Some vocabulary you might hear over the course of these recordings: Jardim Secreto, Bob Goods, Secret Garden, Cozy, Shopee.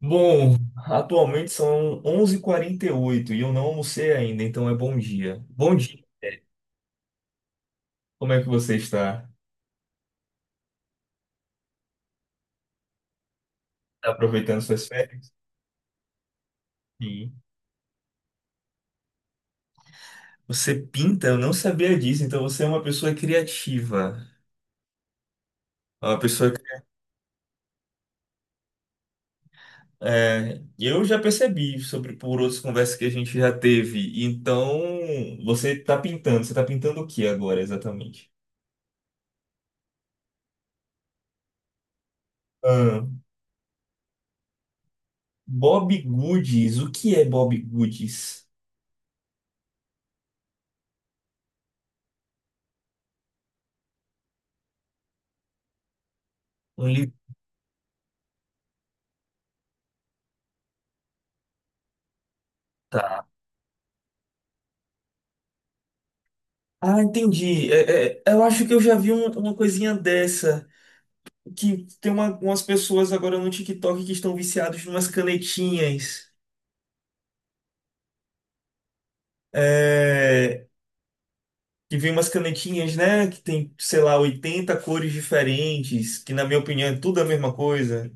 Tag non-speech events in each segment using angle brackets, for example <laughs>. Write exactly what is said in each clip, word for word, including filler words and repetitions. Bom, atualmente são onze e quarenta e oito e oito e eu não almocei ainda, então é bom dia. Bom dia, como é que você está? Tá aproveitando suas férias? Sim. Você pinta, eu não sabia disso, então você é uma pessoa criativa. É uma pessoa que- é, eu já percebi sobre por outras conversas que a gente já teve. Então, você está pintando, você está pintando o que agora exatamente? Ah, Bob Goods, o que é Bob Goods? Um livro. Tá. Ah, entendi. É, é, eu acho que eu já vi um- uma coisinha dessa. Que tem uma- umas pessoas agora no TikTok que estão viciados em umas canetinhas. É, que vem umas canetinhas, né? Que tem, sei lá, oitenta cores diferentes. Que, na minha opinião, é tudo a mesma coisa.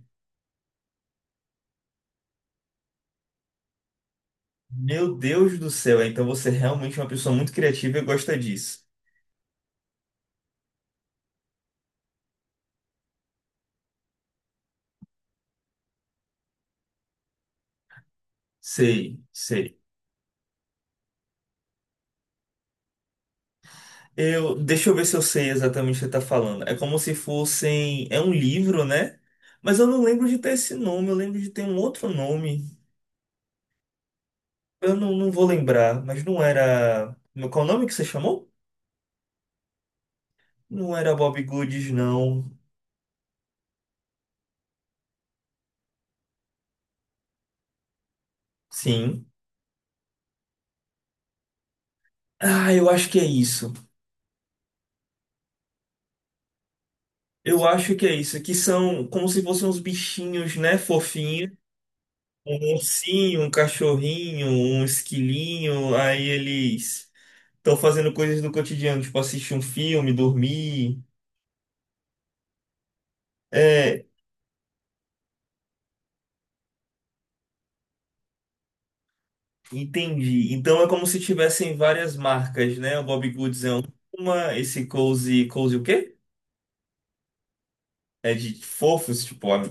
Meu Deus do céu. É, então você realmente é uma pessoa muito criativa e gosta disso. Sei, sei. Eu, deixa eu ver se eu sei exatamente o que você está falando. É como se fossem. É um livro, né? Mas eu não lembro de ter esse nome, eu lembro de ter um outro nome. Eu não, não vou lembrar, mas não era. Qual o nome que você chamou? Não era Bob Goods, não. Sim. Ah, eu acho que é isso. Eu acho que é isso. Que são como se fossem uns bichinhos, né? Fofinhos. Um ursinho, um cachorrinho, um esquilinho. Aí eles estão fazendo coisas do cotidiano, tipo assistir um filme, dormir. É, entendi. Então é como se tivessem várias marcas, né? O Bobbie Goods é uma, esse Cozy, Cozy o quê? É de fofos, tipo, ah,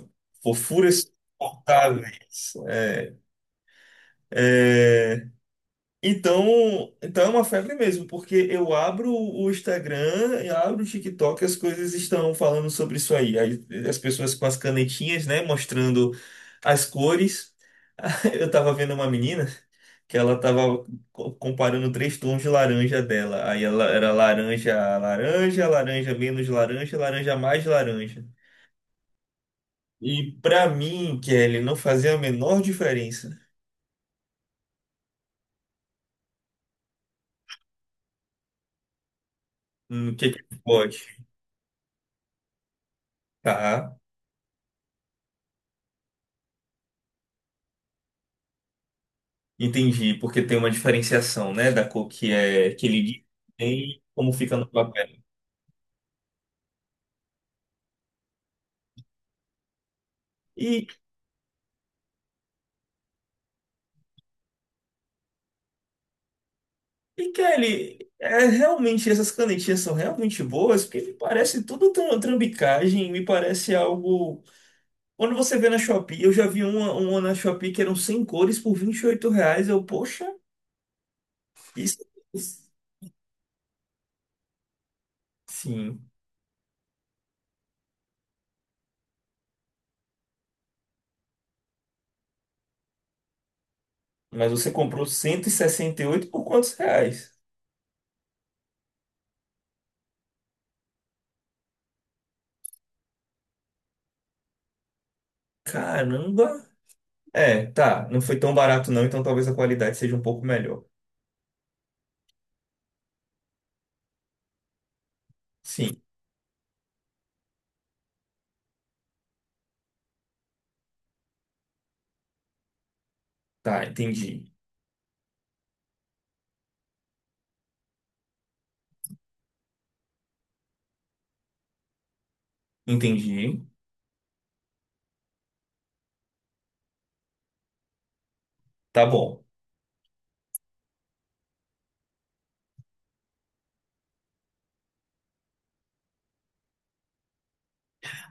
fofuras suportáveis. É, é, Então, então é uma febre mesmo, porque eu abro o Instagram, eu abro o TikTok, as coisas estão falando sobre isso aí. Aí, as pessoas com as canetinhas, né, mostrando as cores. <laughs> Eu tava vendo uma menina que ela tava co- comparando três tons de laranja dela. Aí ela era laranja, laranja, laranja menos laranja, laranja mais laranja. E pra mim, Kelly, não fazia a menor diferença no que que pode, tá? Entendi, porque tem uma diferenciação, né, da cor que é que ele diz e como fica no papel. E, e Kelly, é, realmente essas canetinhas são realmente boas, porque me parece tudo tram- trambicagem, me parece algo. Quando você vê na Shopee, eu já vi uma, uma na Shopee que eram cem cores por vinte e oito reais. Eu, poxa, isso. Sim, mas você comprou cento e e sessenta e oito por quantos reais? Caramba! É, tá, não foi tão barato não, então talvez a qualidade seja um pouco melhor. Sim. Tá, entendi. Entendi. Tá bom.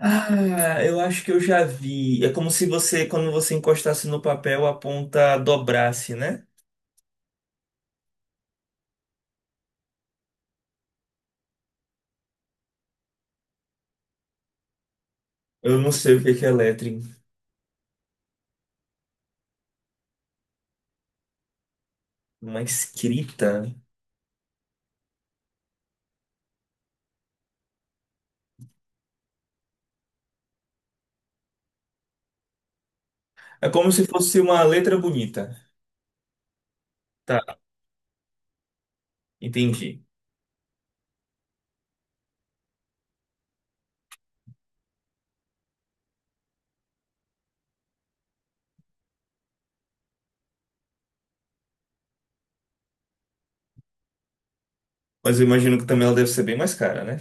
Ah, eu acho que eu já vi. É como se você, quando você encostasse no papel, a ponta dobrasse, né? Eu não sei o que que é lettering. Uma escrita. É como se fosse uma letra bonita. Tá, entendi. Mas eu imagino que também ela deve ser bem mais cara, né?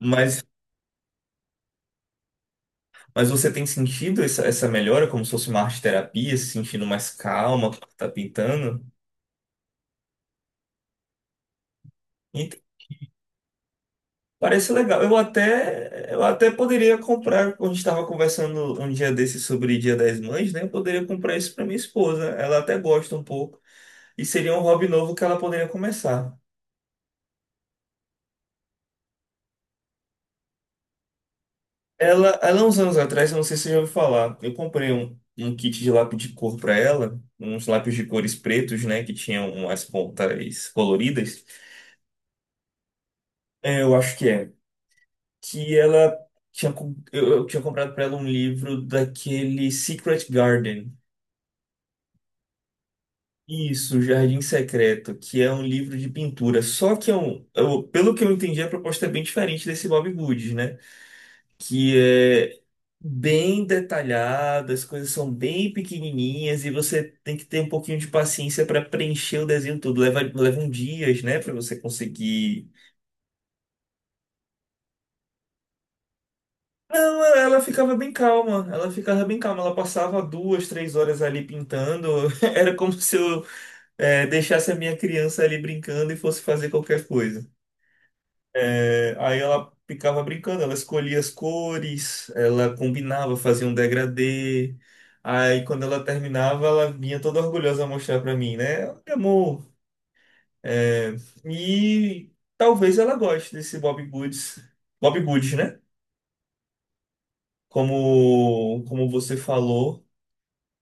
Mas, mas você tem sentido essa, essa melhora, como se fosse uma arte terapia, se sentindo mais calma, quando tá pintando? Parece legal. Eu até, eu até poderia comprar, quando a gente estava conversando um dia desses sobre Dia das Mães, né? Eu poderia comprar isso para minha esposa. Ela até gosta um pouco. E seria um hobby novo que ela poderia começar. Ela, ela uns anos atrás, eu não sei se você já ouviu falar, eu comprei um, um kit de lápis de cor para ela, uns lápis de cores pretos, né? Que tinham umas pontas coloridas. É, eu acho que é. Que ela tinha, com- eu, eu tinha comprado para ela um livro daquele Secret Garden. Isso, Jardim Secreto, que é um livro de pintura. Só que é um, eu- pelo que eu entendi, a proposta é bem diferente desse Bob Goods, né? Que é bem detalhada, as coisas são bem pequenininhas e você tem que ter um pouquinho de paciência para preencher o desenho todo. Leva, levam dias, né, para você conseguir. Não, ela ficava bem calma, ela ficava bem calma. Ela passava duas, três horas ali pintando. <laughs> Era como se eu, eh, deixasse a minha criança ali brincando e fosse fazer qualquer coisa. É, aí ela ficava brincando, ela escolhia as cores, ela combinava, fazia um degradê. Aí quando ela terminava, ela vinha toda orgulhosa mostrar pra mim, né? Olha, Amor. É, e talvez ela goste desse Bob Goods. Bob Goods, né? Como, como você falou.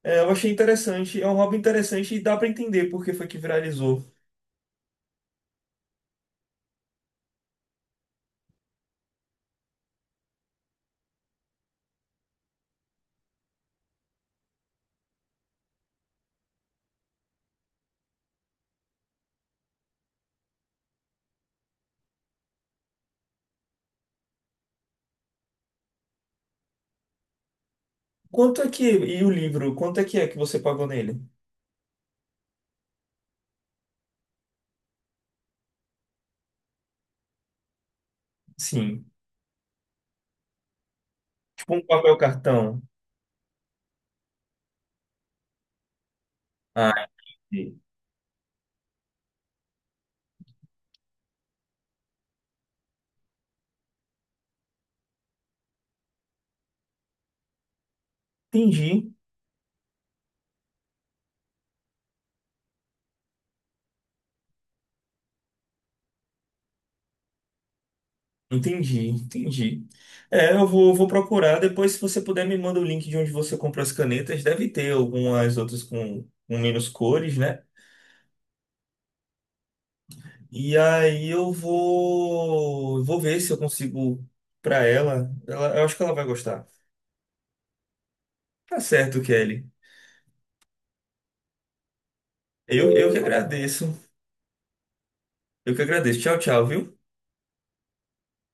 É, eu achei interessante, é um hobby interessante e dá pra entender por que foi que viralizou. Quanto é que, e o livro, quanto é que é que você pagou nele? Sim, tipo um papel cartão. Ah, entendi, entendi, entendi. É, eu vou, vou procurar. Depois, se você puder, me manda o link de onde você comprou as canetas. Deve ter algumas outras com, com menos cores, né? E aí eu vou, vou ver se eu consigo para ela. Ela- Eu acho que ela vai gostar. Tá certo, Kelly. Eu, eu que agradeço. Eu que agradeço. Tchau, tchau, viu?